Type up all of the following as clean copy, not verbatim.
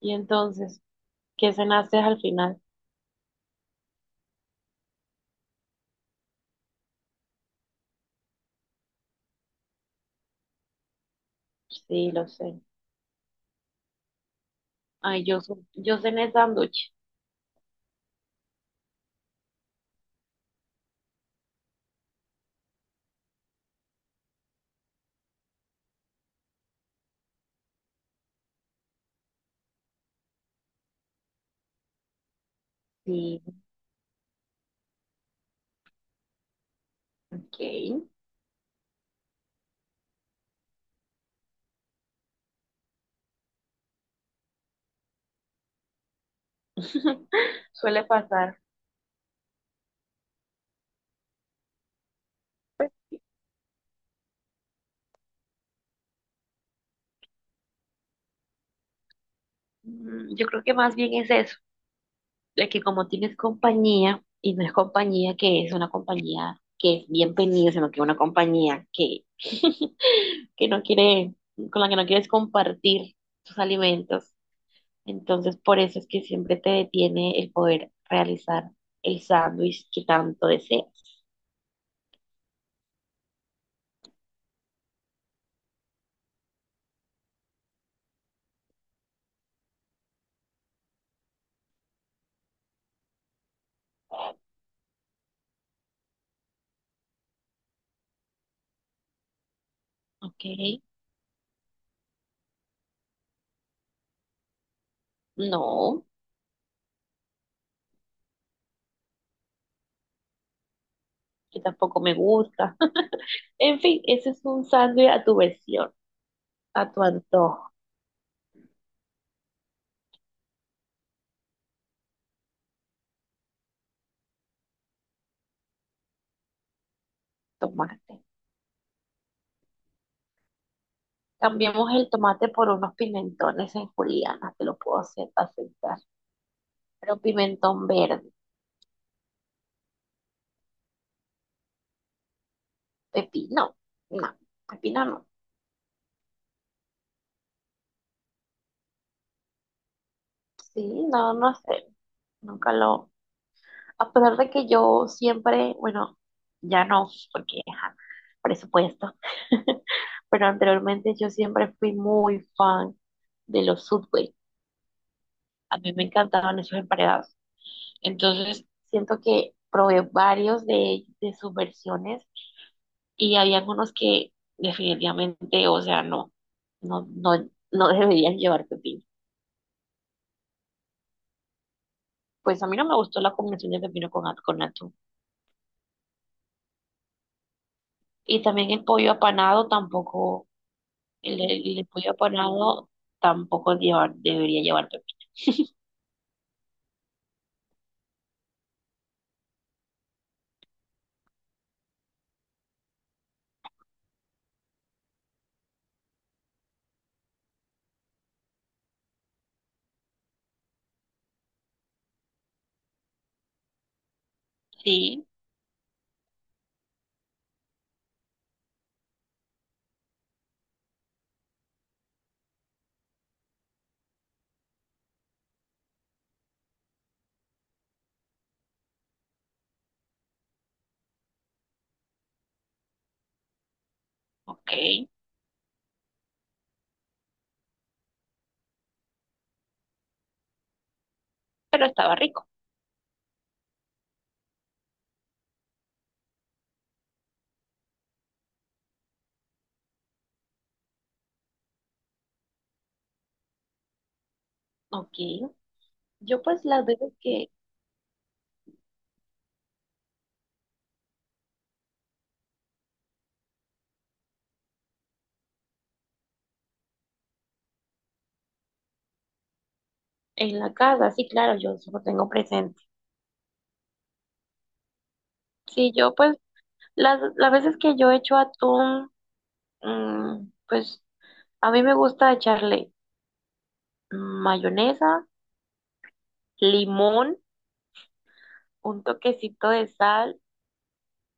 Y entonces, ¿qué cenaste al final? Sí, lo sé. Ay, yo, yo cené sándwich. Sí, ok. Suele pasar. Mm, yo creo que más bien es eso, de que como tienes compañía, y no es compañía que es una compañía que es bienvenida, sino que una compañía que, que no quiere, con la que no quieres compartir tus alimentos. Entonces, por eso es que siempre te detiene el poder realizar el sándwich que tanto deseas. Ok. No, que tampoco me gusta. En fin, ese es un sándwich a tu versión, a tu antojo. Tomate. Cambiamos el tomate por unos pimentones en juliana, te lo puedo hacer aceptar. Pero pimentón verde, pepino, no, pepino no. Sí, no, no sé. Nunca lo. A pesar de que yo siempre, bueno, ya no, porque ajá, presupuesto. Pero anteriormente yo siempre fui muy fan de los Subway. A mí me encantaban esos emparedados. Entonces, siento que probé varios de sus versiones y había algunos que definitivamente, o sea, no, no, no, no deberían llevar pepino. Pues a mí no me gustó la combinación de pepino con, con atún. Y también el pollo apanado tampoco, el pollo apanado tampoco lleva- debería llevar pepino. Sí, ok, pero estaba rico. Ok, yo pues las veces que en la casa, sí, claro, yo eso lo tengo presente. Sí, yo pues las veces que yo he hecho atún, mm, pues a mí me gusta echarle mayonesa, limón, un toquecito de sal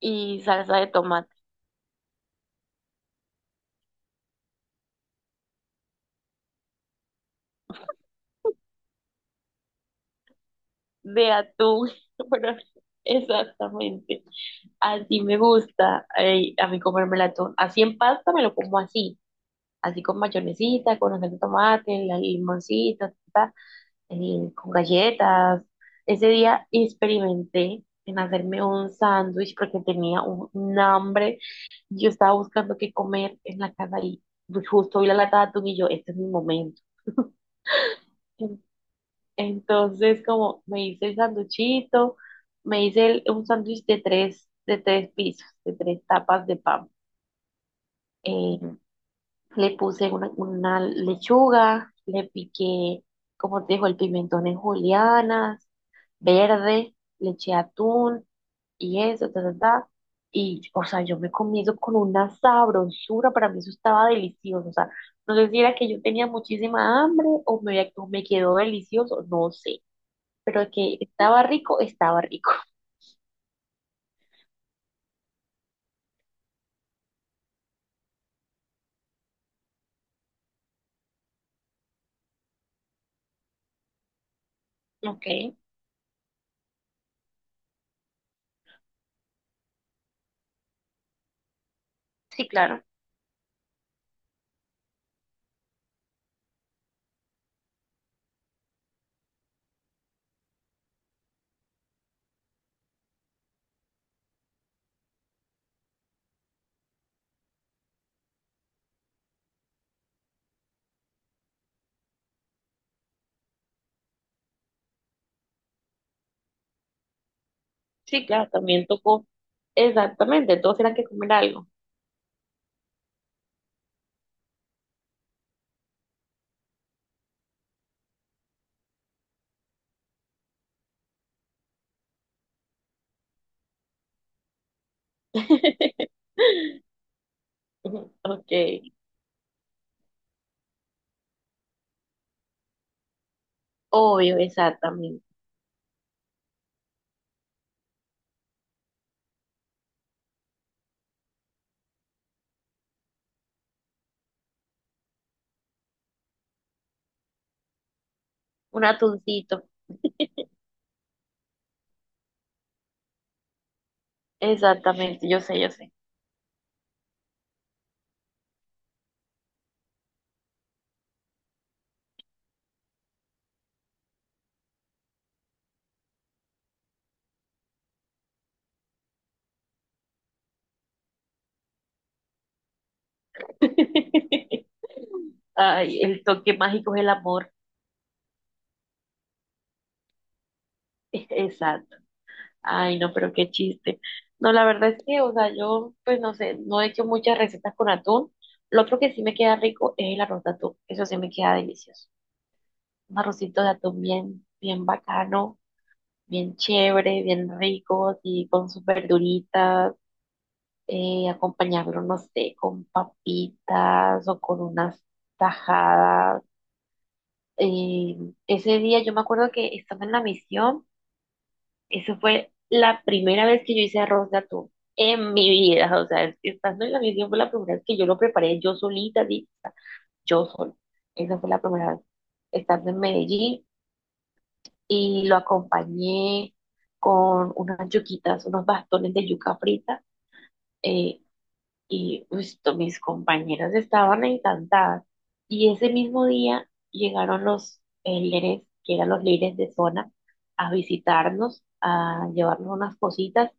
y salsa de tomate, de atún. Bueno, exactamente. Así me gusta a mí comerme el atún. Así en pasta me lo como así, así con mayonesita, con la salsa de tomate, la limoncita, ta, ta, con galletas. Ese día experimenté en hacerme un sándwich porque tenía un hambre, yo estaba buscando qué comer en la casa y pues, justo vi la lata de atún y yo, este es mi momento. En- Entonces, como me hice el sanduchito, me hice un sándwich de tres pisos, de tres tapas de pan. Eh, Le puse una lechuga, le piqué, como te dijo, el pimentón en julianas, verde, le eché atún y eso, ta, ta, ta. Y, o sea, yo me comí eso con una sabrosura, para mí eso estaba delicioso. O sea, no sé si era que yo tenía muchísima hambre o me quedó delicioso, no sé. Pero que estaba rico, estaba rico. Ok, sí, claro. Sí, claro, también tocó. Exactamente, todos eran que comer algo. Ujú, ok, obvio, exactamente. Un atuncito, exactamente, yo sé, yo sé. Ay, el toque mágico es el amor, exacto. Ay, no, pero qué chiste. No, la verdad es que, o sea, yo, pues no sé, no he hecho muchas recetas con atún. Lo otro que sí me queda rico es el arroz de atún, eso sí me queda delicioso. Un arrocito de atún bien, bien bacano, bien chévere, bien rico, y con sus verduritas acompañarlo, no sé, con papitas o con unas tajadas. Eh, ese día yo me acuerdo que estando en la misión, eso fue la primera vez que yo hice arroz de atún en mi vida, o sea, estando en la misión fue la primera vez que yo lo preparé yo solita, así, o sea, yo sola. Esa fue la primera vez estando en Medellín y lo acompañé con unas yuquitas, unos bastones de yuca frita. eh, Y pues, mis compañeras estaban encantadas. Y ese mismo día llegaron los líderes, que eran los líderes de zona, a visitarnos, a llevarnos unas cositas.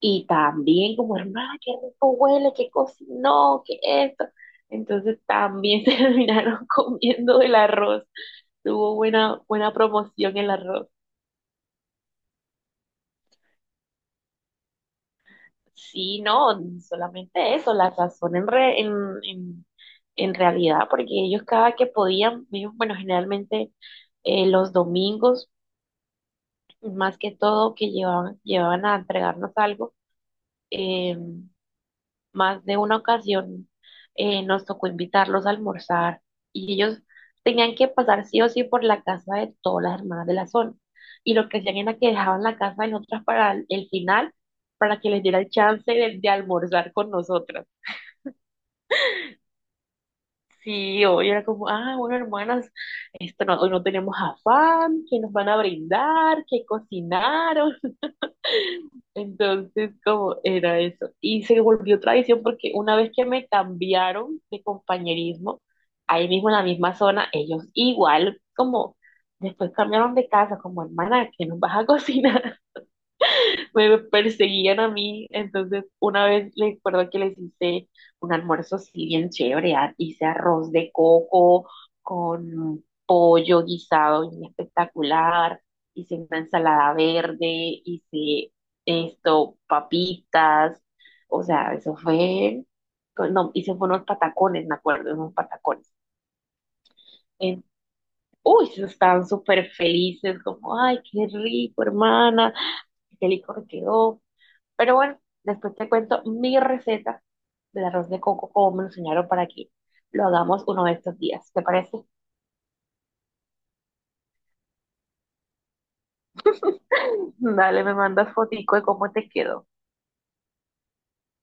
Y también como, hermana, qué rico huele, qué cocinó, qué esto. Entonces también se terminaron comiendo el arroz. Tuvo buena, buena promoción el arroz. Sí, no, solamente eso, la razón en, re- en, en realidad, porque ellos cada que podían, ellos, bueno, generalmente los domingos, más que todo, que llevaban, llevaban a entregarnos algo, eh, más de una ocasión nos tocó invitarlos a almorzar y ellos tenían que pasar sí o sí por la casa de todas las hermanas de la zona. Y lo que hacían era que dejaban la casa de nosotras para el final, para que les diera el chance de almorzar con nosotras. Sí, hoy era como, ah, bueno, hermanas, esto no- hoy no tenemos afán, que nos van a brindar, que cocinaron. Entonces, como era eso. Y se volvió tradición porque una vez que me cambiaron de compañerismo, ahí mismo en la misma zona, ellos igual, como después cambiaron de casa, como hermana, que nos vas a cocinar, me perseguían a mí. Entonces, una vez les recuerdo que les hice un almuerzo así bien chévere. Hice arroz de coco con pollo guisado bien espectacular. Hice una ensalada verde, hice esto, papitas. O sea, eso fue, no, hice fue unos patacones, me acuerdo, unos patacones. En- Uy, se estaban súper felices, como, ay, qué rico, hermana, qué licor quedó, pero bueno, después te cuento mi receta del arroz de coco, como me lo enseñaron para que lo hagamos uno de estos días. ¿Te parece? Dale, me mandas fotico de cómo te quedó.